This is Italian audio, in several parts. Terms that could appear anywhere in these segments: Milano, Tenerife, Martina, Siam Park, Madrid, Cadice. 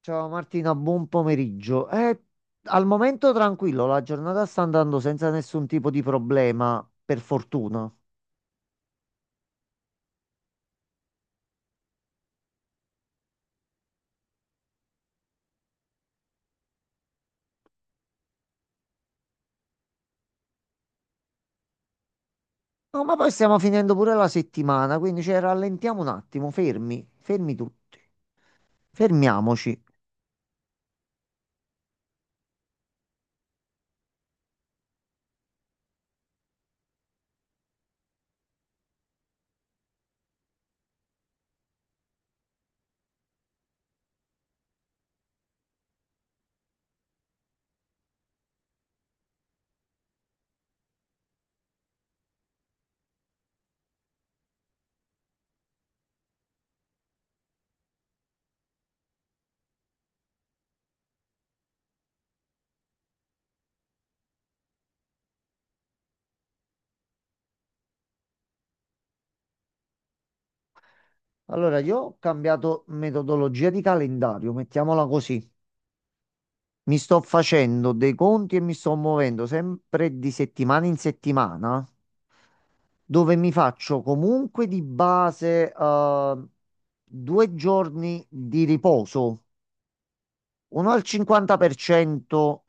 Ciao Martina, buon pomeriggio. Al momento tranquillo, la giornata sta andando senza nessun tipo di problema, per fortuna. No, ma poi stiamo finendo pure la settimana, quindi cioè, rallentiamo un attimo, fermi, fermi tutti, fermiamoci. Allora, io ho cambiato metodologia di calendario, mettiamola così. Mi sto facendo dei conti e mi sto muovendo sempre di settimana in settimana. Dove mi faccio comunque di base due giorni di riposo, uno al 50%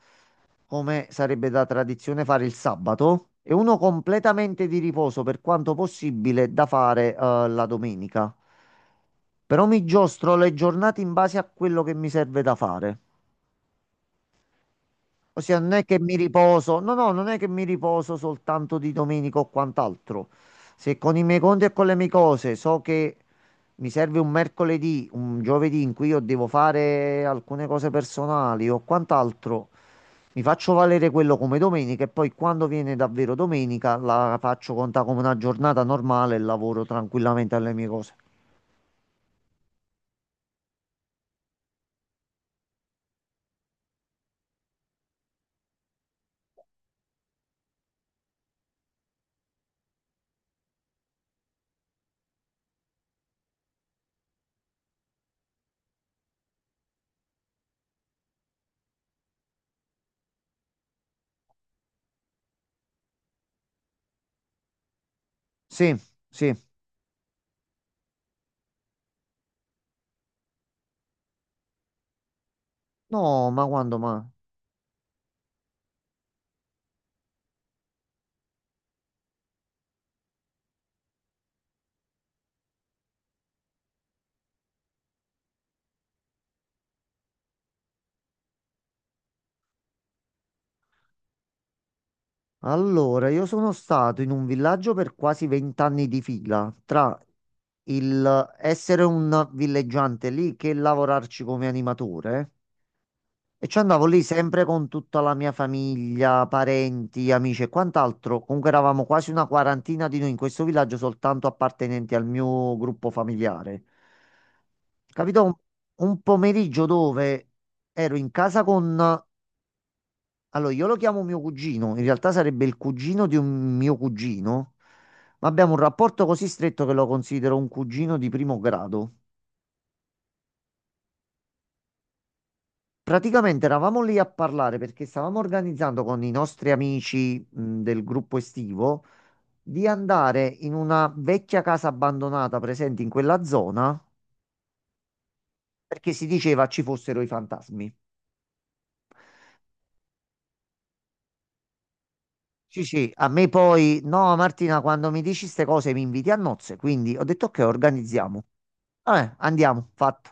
come sarebbe da tradizione fare il sabato e uno completamente di riposo per quanto possibile da fare la domenica. Però mi giostro le giornate in base a quello che mi serve da fare. Ossia, non è che mi riposo, no, no, non è che mi riposo soltanto di domenica o quant'altro. Se con i miei conti e con le mie cose so che mi serve un mercoledì, un giovedì in cui io devo fare alcune cose personali o quant'altro, mi faccio valere quello come domenica e poi quando viene davvero domenica la faccio conta come una giornata normale e lavoro tranquillamente alle mie cose. Sì, sì. No, ma quando, ma... Allora, io sono stato in un villaggio per quasi 20 anni di fila, tra il essere un villeggiante lì che lavorarci come animatore. E ci andavo lì sempre con tutta la mia famiglia, parenti, amici e quant'altro. Comunque eravamo quasi una quarantina di noi in questo villaggio, soltanto appartenenti al mio gruppo familiare. Capito? Un pomeriggio dove ero in casa con allora, io lo chiamo mio cugino, in realtà sarebbe il cugino di un mio cugino, ma abbiamo un rapporto così stretto che lo considero un cugino di primo grado. Praticamente eravamo lì a parlare perché stavamo organizzando con i nostri amici, del gruppo estivo di andare in una vecchia casa abbandonata presente in quella zona perché si diceva ci fossero i fantasmi. Sì, sì, a me poi, no, Martina, quando mi dici queste cose mi inviti a nozze, quindi ho detto ok, organizziamo. Vabbè, andiamo, fatto.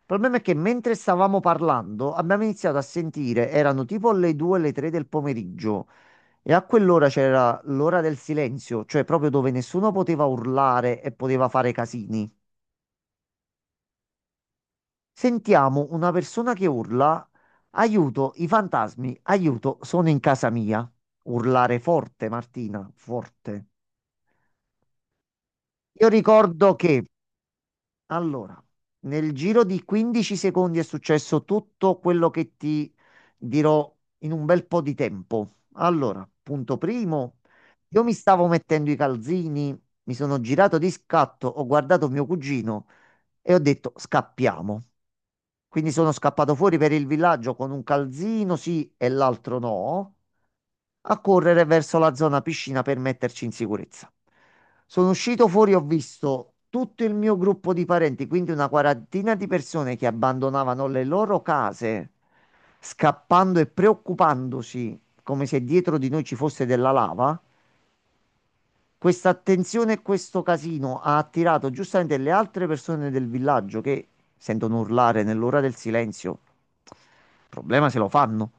Il problema è che mentre stavamo parlando abbiamo iniziato a sentire, erano tipo le 2, le 3 del pomeriggio e a quell'ora c'era l'ora del silenzio, cioè proprio dove nessuno poteva urlare e poteva fare casini. Sentiamo una persona che urla, aiuto, i fantasmi, aiuto, sono in casa mia. Urlare forte, Martina, forte. Io ricordo che, allora, nel giro di 15 secondi è successo tutto quello che ti dirò in un bel po' di tempo. Allora, punto primo, io mi stavo mettendo i calzini, mi sono girato di scatto, ho guardato mio cugino e ho detto scappiamo. Quindi sono scappato fuori per il villaggio con un calzino sì e l'altro no, a correre verso la zona piscina per metterci in sicurezza. Sono uscito fuori, ho visto tutto il mio gruppo di parenti, quindi una quarantina di persone che abbandonavano le loro case, scappando e preoccupandosi come se dietro di noi ci fosse della lava. Questa attenzione e questo casino ha attirato giustamente le altre persone del villaggio che sentono urlare nell'ora del silenzio. Il problema se lo fanno.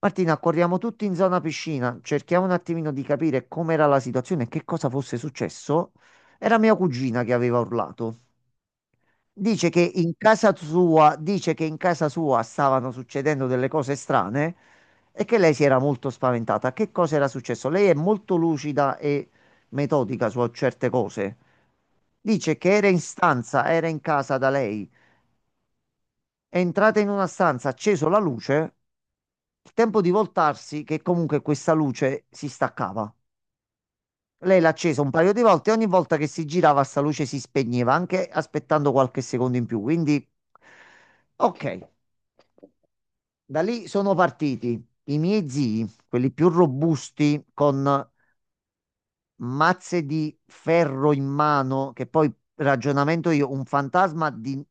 Martina, corriamo tutti in zona piscina, cerchiamo un attimino di capire com'era la situazione e che cosa fosse successo. Era mia cugina che aveva urlato. Dice che in casa sua, dice che in casa sua stavano succedendo delle cose strane e che lei si era molto spaventata. Che cosa era successo? Lei è molto lucida e metodica su certe cose. Dice che era in stanza, era in casa da lei, è entrata in una stanza, ha acceso la luce, il tempo di voltarsi che comunque questa luce si staccava. Lei l'ha accesa un paio di volte e ogni volta che si girava sta luce si spegneva, anche aspettando qualche secondo in più. Quindi, ok, da lì sono partiti i miei zii, quelli più robusti, con mazze di ferro in mano, che poi ragionamento io, un fantasma di,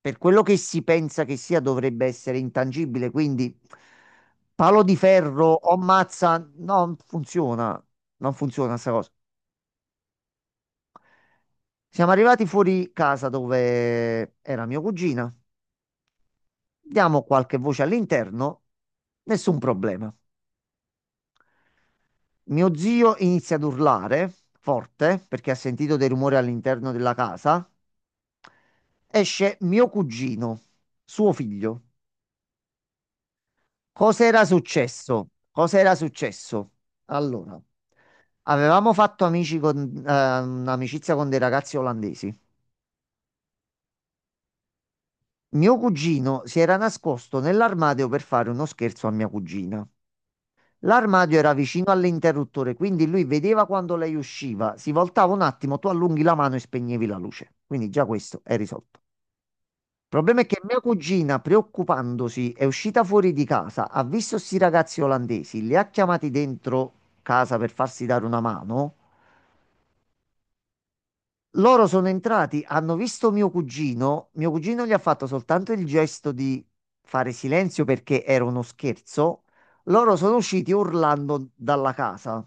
per quello che si pensa che sia dovrebbe essere intangibile, quindi palo di ferro o mazza, non funziona, non funziona sta cosa. Siamo arrivati fuori casa dove era mia cugina. Diamo qualche voce all'interno, nessun problema. Mio zio inizia ad urlare forte perché ha sentito dei rumori all'interno della casa. Esce mio cugino, suo figlio. Cos'era successo? Cos'era successo? Allora, avevamo fatto amici con, un'amicizia con dei ragazzi olandesi. Mio cugino si era nascosto nell'armadio per fare uno scherzo a mia cugina. L'armadio era vicino all'interruttore, quindi lui vedeva quando lei usciva, si voltava un attimo, tu allunghi la mano e spegnevi la luce. Quindi già questo è risolto. Il problema è che mia cugina, preoccupandosi, è uscita fuori di casa, ha visto sti ragazzi olandesi, li ha chiamati dentro casa per farsi dare una mano. Loro sono entrati, hanno visto mio cugino gli ha fatto soltanto il gesto di fare silenzio perché era uno scherzo. Loro sono usciti urlando dalla casa.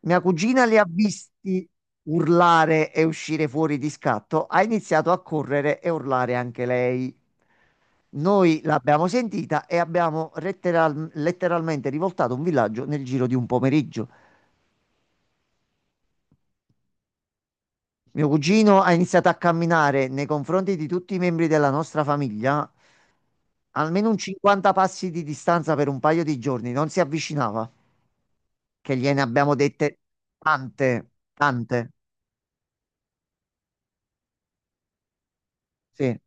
Mia cugina li ha visti urlare e uscire fuori di scatto, ha iniziato a correre e urlare anche lei. Noi l'abbiamo sentita e abbiamo letteralmente rivoltato un villaggio nel giro di un pomeriggio. Mio cugino ha iniziato a camminare nei confronti di tutti i membri della nostra famiglia, almeno un 50 passi di distanza per un paio di giorni, non si avvicinava, che gliene abbiamo dette tante, tante. Sì.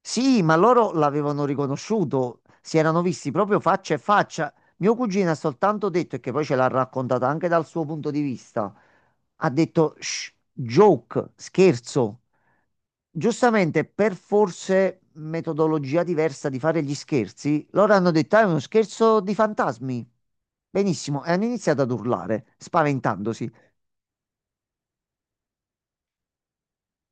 Sì, ma loro l'avevano riconosciuto, si erano visti proprio faccia a faccia. Mio cugino ha soltanto detto, e che poi ce l'ha raccontata anche dal suo punto di vista, ha detto "Shh, joke, scherzo. Giustamente, per forse metodologia diversa di fare gli scherzi, loro hanno detto: "Ah, è uno scherzo di fantasmi. Benissimo, e hanno iniziato ad urlare, spaventandosi.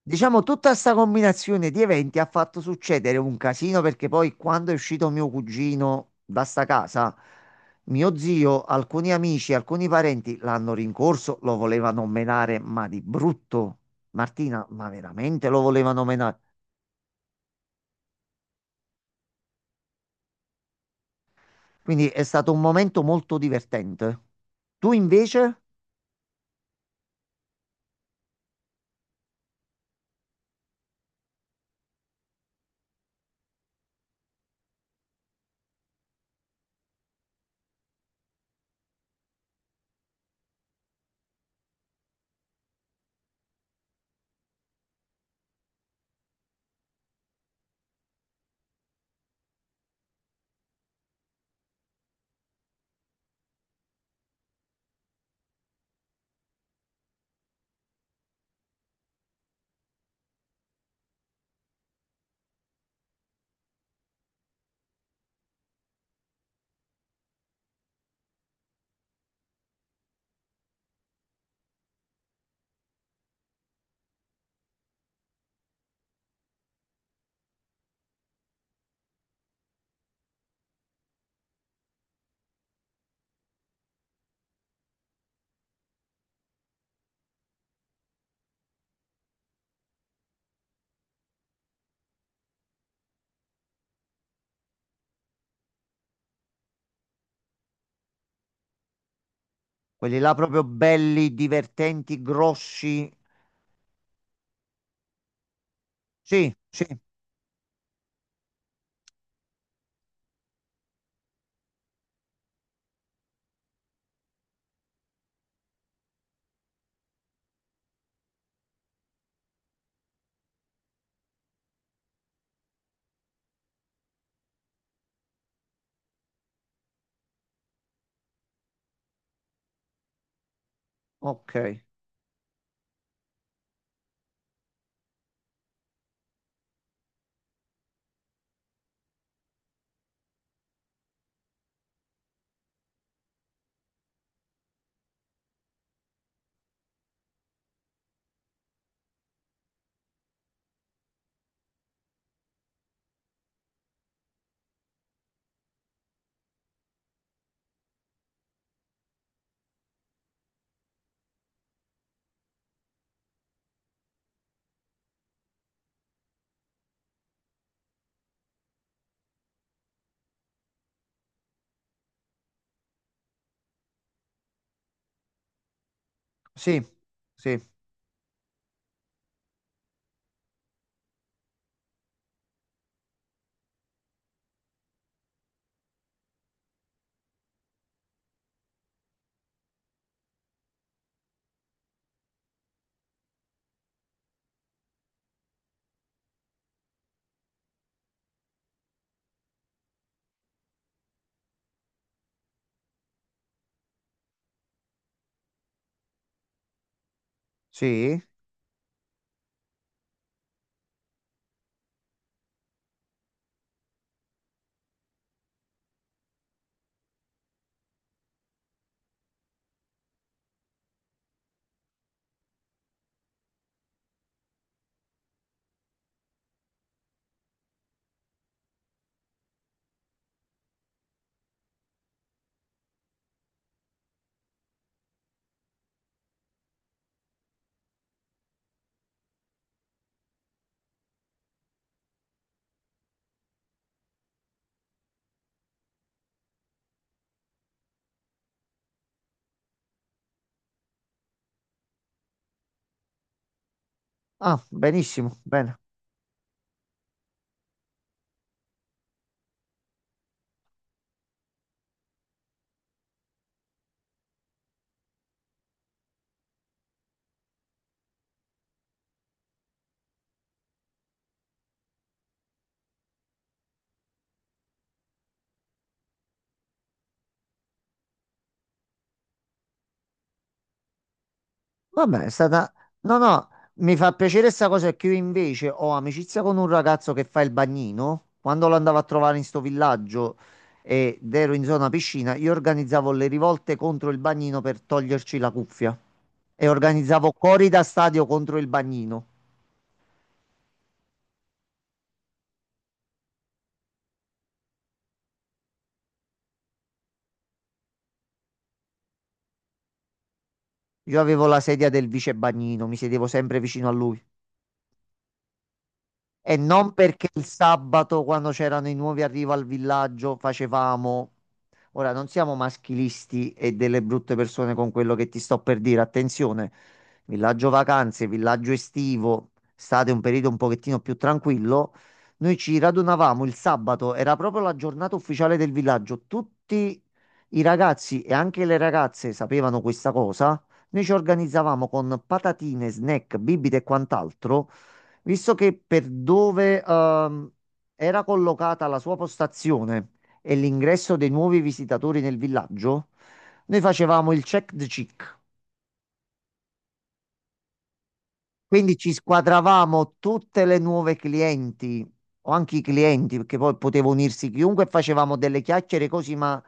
Diciamo, tutta questa combinazione di eventi ha fatto succedere un casino perché poi, quando è uscito mio cugino da sta casa, mio zio, alcuni amici, alcuni parenti l'hanno rincorso, lo volevano menare, ma di brutto. Martina, ma veramente lo volevano menare. Quindi è stato un momento molto divertente. Tu invece, quelli là proprio belli, divertenti, grossi. Sì, sì, ok. Sì, sì, sì. Ah, benissimo, bene. Vabbè, è stata... No, no, mi fa piacere sta cosa che io invece ho amicizia con un ragazzo che fa il bagnino. Quando lo andavo a trovare in sto villaggio ed ero in zona piscina, io organizzavo le rivolte contro il bagnino per toglierci la cuffia. E organizzavo cori da stadio contro il bagnino. Io avevo la sedia del vice bagnino, mi sedevo sempre vicino a lui. E non perché il sabato, quando c'erano i nuovi arrivo al villaggio, facevamo. Ora, non siamo maschilisti e delle brutte persone con quello che ti sto per dire. Attenzione, villaggio vacanze, villaggio estivo, state un periodo un pochettino più tranquillo. Noi ci radunavamo il sabato, era proprio la giornata ufficiale del villaggio. Tutti i ragazzi e anche le ragazze sapevano questa cosa. Noi ci organizzavamo con patatine, snack, bibite e quant'altro. Visto che per dove era collocata la sua postazione e l'ingresso dei nuovi visitatori nel villaggio, noi facevamo il check the check. Quindi ci squadravamo tutte le nuove clienti o anche i clienti, perché poi poteva unirsi chiunque, e facevamo delle chiacchiere così, ma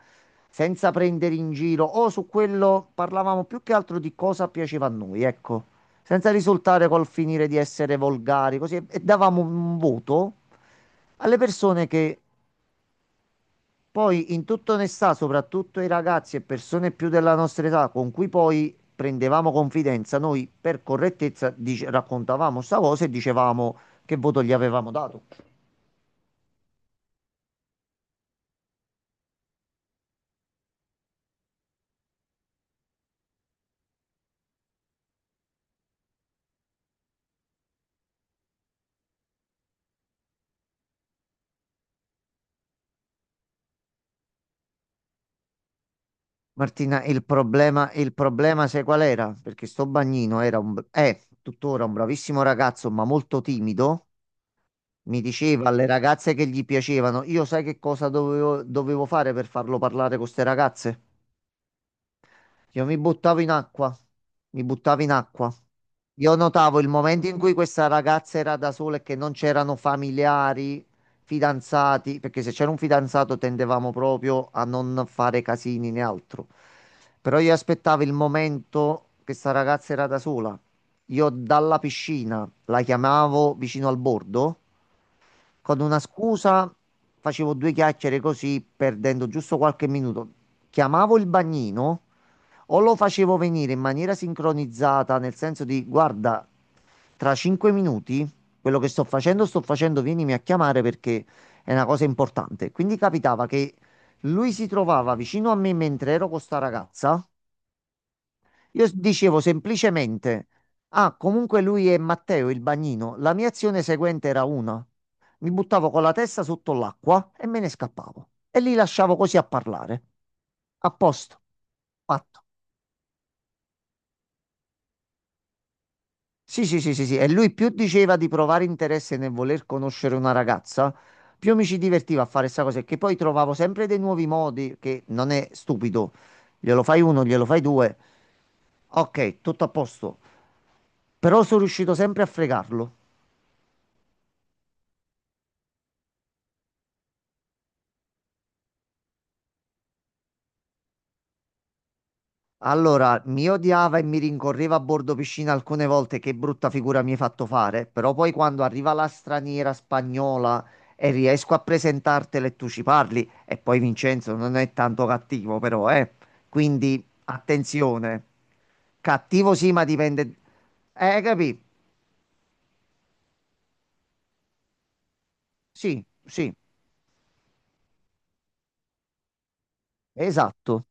senza prendere in giro o su quello parlavamo più che altro di cosa piaceva a noi, ecco, senza risultare col finire di essere volgari, così e davamo un voto alle persone che poi in tutta onestà, soprattutto i ragazzi e persone più della nostra età con cui poi prendevamo confidenza, noi per correttezza raccontavamo sta cosa e dicevamo che voto gli avevamo dato. Martina, il problema sai qual era? Perché sto bagnino era un, è tuttora un bravissimo ragazzo, ma molto timido. Mi diceva alle ragazze che gli piacevano, io sai che cosa dovevo, dovevo fare per farlo parlare con queste ragazze? Io mi buttavo in acqua, mi buttavo in acqua. Io notavo il momento in cui questa ragazza era da sola e che non c'erano familiari, fidanzati, perché se c'era un fidanzato tendevamo proprio a non fare casini né altro. Però io aspettavo il momento che sta ragazza era da sola. Io dalla piscina la chiamavo vicino al bordo, con una scusa facevo due chiacchiere così, perdendo giusto qualche minuto. Chiamavo il bagnino o lo facevo venire in maniera sincronizzata, nel senso di guarda, tra 5 minuti quello che sto facendo, vienimi a chiamare perché è una cosa importante. Quindi capitava che lui si trovava vicino a me mentre ero con sta ragazza. Io dicevo semplicemente, ah, comunque lui è Matteo, il bagnino. La mia azione seguente era una. Mi buttavo con la testa sotto l'acqua e me ne scappavo. E li lasciavo così a parlare. A posto. Fatto. Sì, sì, sì, sì, sì. E lui più diceva di provare interesse nel voler conoscere una ragazza, più mi ci divertiva a fare questa cosa, e che poi trovavo sempre dei nuovi modi, che non è stupido. Glielo fai uno, glielo fai due, ok, tutto a posto. Però sono riuscito sempre a fregarlo. Allora, mi odiava e mi rincorreva a bordo piscina alcune volte, che brutta figura mi hai fatto fare, però poi quando arriva la straniera spagnola e riesco a presentartela e tu ci parli, e poi Vincenzo non è tanto cattivo però, eh. Quindi attenzione, cattivo sì, ma dipende... capì? Sì, sì, esatto.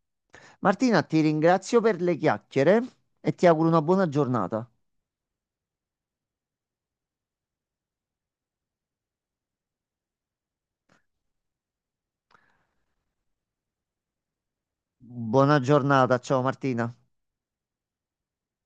Martina, ti ringrazio per le chiacchiere e ti auguro una buona giornata. Buona giornata, ciao Martina.